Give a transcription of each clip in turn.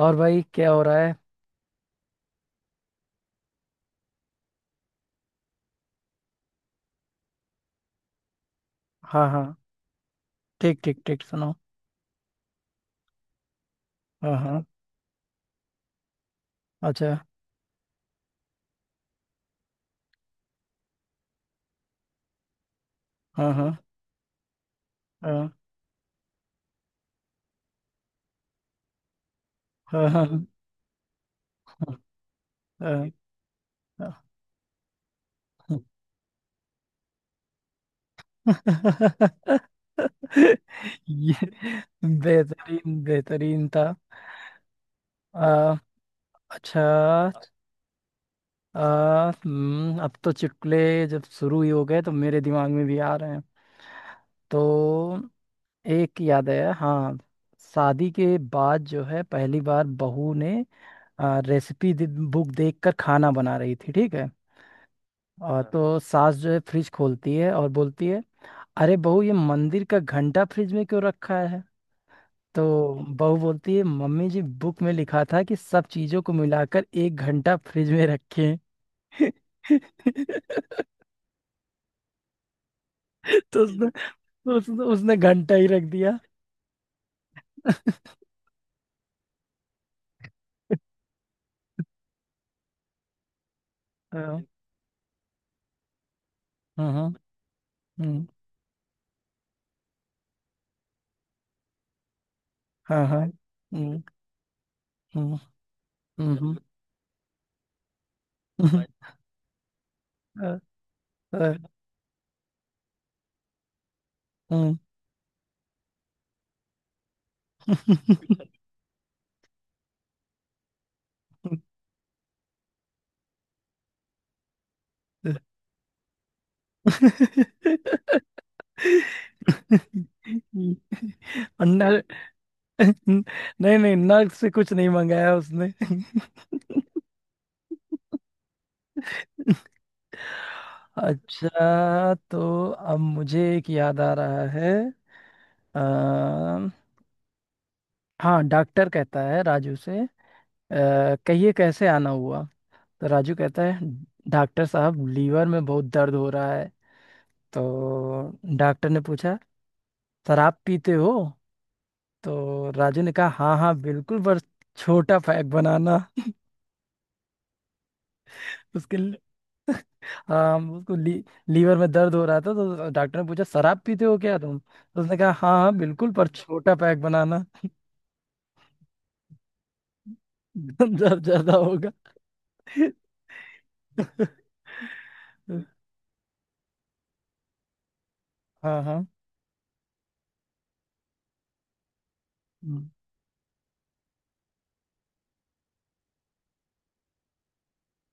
और भाई, क्या हो रहा है? हाँ, हाँ। ठीक, ठीक, ठीक, सुनो। हाँ, हाँ। अच्छा। हाँ, हाँ, हाँ, हाँ, हाँ, हाँ, हाँ, हाँ। ये बेहतरीन बेहतरीन था। आ, अच्छा। अब तो चुटकुले जब शुरू ही हो गए तो मेरे दिमाग में भी आ रहे हैं। तो एक याद है, हाँ। शादी के बाद जो है, पहली बार बहू ने रेसिपी बुक देखकर खाना बना रही थी, ठीक है। और हाँ, तो सास जो है, फ्रिज खोलती है और बोलती है, अरे बहू, ये मंदिर का घंटा फ्रिज में क्यों रखा है? तो बहू बोलती है, मम्मी जी, बुक में लिखा था कि सब चीजों को मिलाकर एक घंटा फ्रिज में रखें। तो उसने उसने उसने घंटा ही रख दिया। हाँ, हाँ, हम्म, हाँ, हाँ, हम्म, हम्म, हम्म, हम्म, हाँ, हाँ, हम्म। और नर नहीं, नहीं, नर्क से कुछ नहीं मंगाया उसने। अच्छा, तो अब मुझे एक याद आ रहा है। अ, हाँ, डॉक्टर कहता है राजू से, कहिए, कैसे आना हुआ? तो राजू कहता है, डॉक्टर साहब, लीवर में बहुत दर्द हो रहा है। तो डॉक्टर ने पूछा, शराब पीते हो? तो राजू ने कहा, हाँ, हाँ, बिल्कुल, पर छोटा पैक बनाना उसके लिए। हाँ, उसको लीवर में दर्द हो रहा था, तो डॉक्टर ने पूछा, शराब पीते हो क्या तुम? तो उसने कहा, हाँ, हाँ, बिल्कुल, पर छोटा पैक बनाना। जब ज्यादा होगा। हाँ, हाँ, हम्म,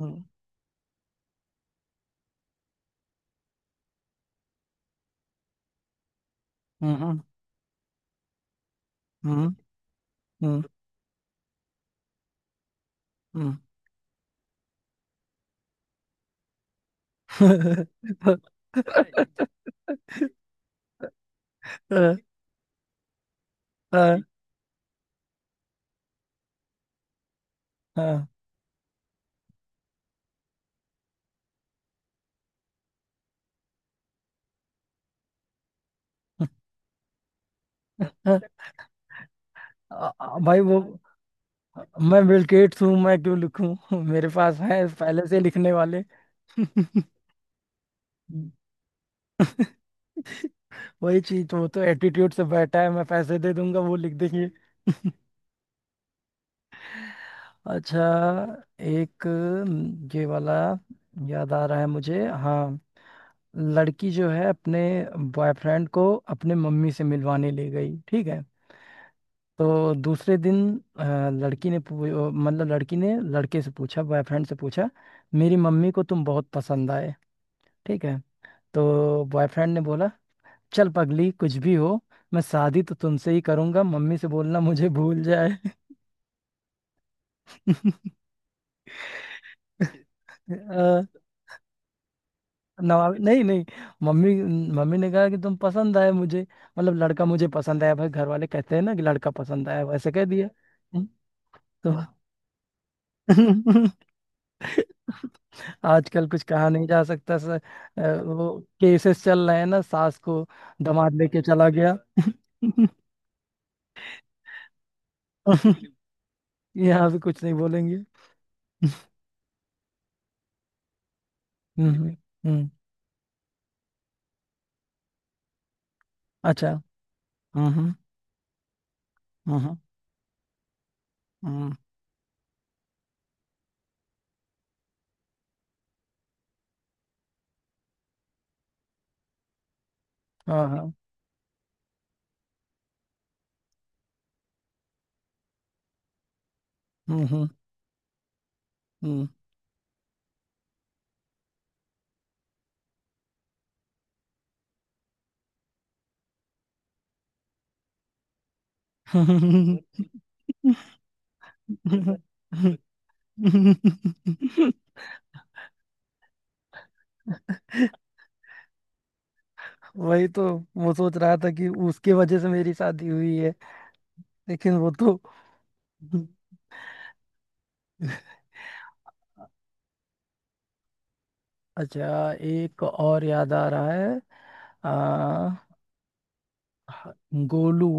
हम्म, हम्म, हम्म, हम्म, हम्म। हाँ, हाँ, हाँ, हाँ। भाई, वो, मैं बिल गेट्स हूँ, मैं क्यों लिखूं? मेरे पास है पहले से लिखने वाले। वही चीज, वो तो एटीट्यूड से बैठा है, मैं पैसे दे दूंगा, वो लिख देंगे। अच्छा, एक न, ये वाला याद आ रहा है मुझे, हाँ। लड़की जो है, अपने बॉयफ्रेंड को अपने मम्मी से मिलवाने ले गई, ठीक है। तो दूसरे दिन अ, लड़की ने पू- अ, मतलब, लड़की ने लड़के से पूछा, बॉयफ्रेंड से पूछा, मेरी मम्मी को तुम बहुत पसंद आए, ठीक है। तो बॉयफ्रेंड ने बोला, चल पगली, कुछ भी हो, मैं शादी तो तुमसे ही करूंगा, मम्मी से बोलना मुझे भूल जाए। अ, नवाब नहीं, नहीं, मम्मी मम्मी ने कहा कि तुम पसंद आए मुझे। मतलब, लड़का मुझे पसंद आया, भाई घर वाले कहते हैं ना कि लड़का पसंद आया, वैसे कह दिया। हम्म। तो आजकल कुछ कहा नहीं जा सकता, सर। वो केसेस चल रहे हैं ना, सास को दामाद लेके चला गया। यहाँ भी कुछ नहीं बोलेंगे। हम्म, हम्म। अच्छा, हम्म, हम्म, हम्म, हम्म, हाँ, हाँ, हम्म, हम्म, हम्म। हम्म। वही तो, वो सोच रहा था कि उसके वजह से मेरी शादी हुई है, लेकिन वो तो। अच्छा, एक और याद आ रहा है। आ, गोलू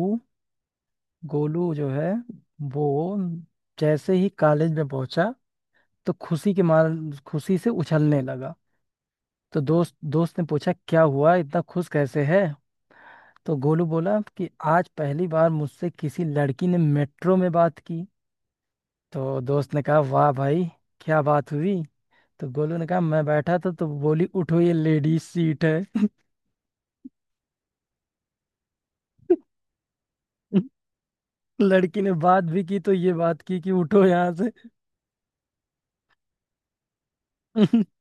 गोलू जो है, वो जैसे ही कॉलेज में पहुंचा, तो खुशी के मार खुशी से उछलने लगा। तो दोस्त दोस्त ने पूछा, क्या हुआ, इतना खुश कैसे है? तो गोलू बोला कि आज पहली बार मुझसे किसी लड़की ने मेट्रो में बात की। तो दोस्त ने कहा, वाह भाई, क्या बात हुई? तो गोलू ने कहा, मैं बैठा था तो बोली, उठो, ये लेडीज सीट है। लड़की ने बात भी की तो ये बात की कि उठो यहाँ से।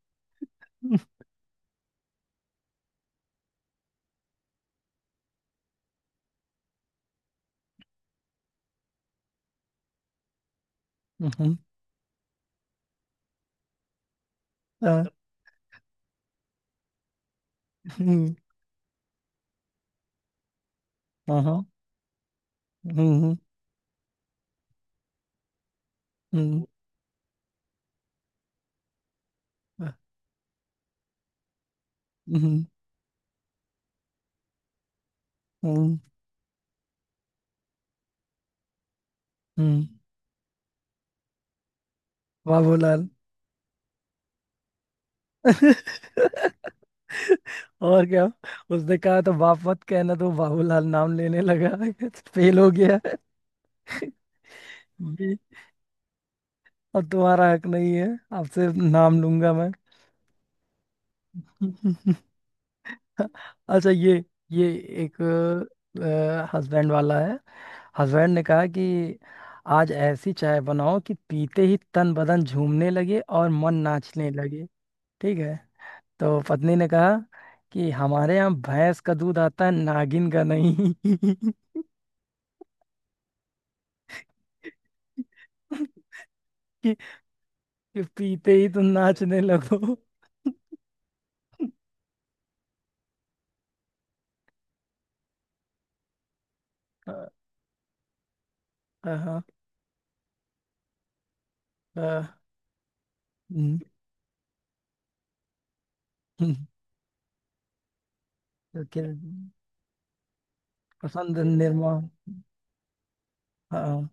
हम्म, हाँ, हम्म, हाँ, हाँ, हम्म, हम्म, हम्म, हम्म, हम्म। बाबूलाल। और क्या, उसने कहा तो बाप मत कहना, तो बाबूलाल नाम लेने लगा। फेल हो गया। जी, अब तुम्हारा हक नहीं है, आपसे नाम लूंगा मैं? अच्छा, ये एक हस्बैंड वाला है। हस्बैंड ने कहा कि आज ऐसी चाय बनाओ कि पीते ही तन बदन झूमने लगे और मन नाचने लगे, ठीक है। तो पत्नी ने कहा कि हमारे यहाँ भैंस का दूध आता है, नागिन का नहीं। कि, कि पीते ही तुम नाचने लगो। हाँ, हाँ, हाँ, हम्म, हम्म, तो क्या- पसंद निर्माण, हाँ,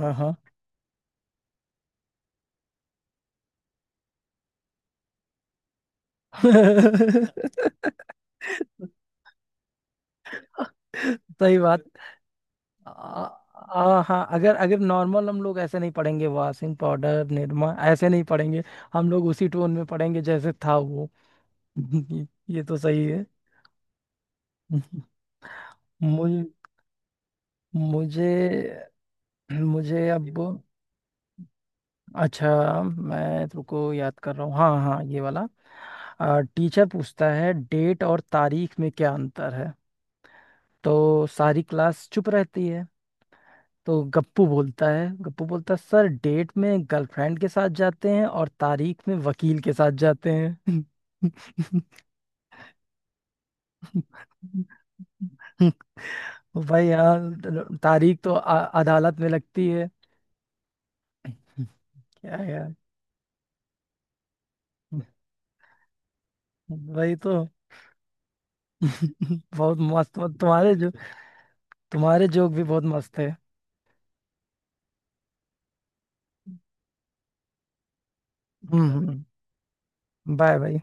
हाँ, हाँ। सही बात। आ, आ, हाँ, अगर अगर नॉर्मल हम लोग ऐसे नहीं पढ़ेंगे, वासिम पाउडर निरमा ऐसे नहीं पढ़ेंगे। हम लोग उसी टोन में पढ़ेंगे जैसे था वो। ये ये तो सही है। मुझे मुझे मुझे अब। अच्छा, मैं तुमको याद कर रहा हूँ, हाँ, हाँ, ये वाला। टीचर पूछता है, डेट और तारीख में क्या अंतर है? तो सारी क्लास चुप रहती है। तो गप्पू बोलता है, सर, डेट में गर्लफ्रेंड के साथ जाते हैं और तारीख में वकील के साथ जाते हैं। भाई, यहाँ तारीख तो अदालत में लगती है। क्या यार। वही तो। बहुत मस्त, तुम्हारे जोक भी बहुत मस्त है। हम्म। बाय, भाई।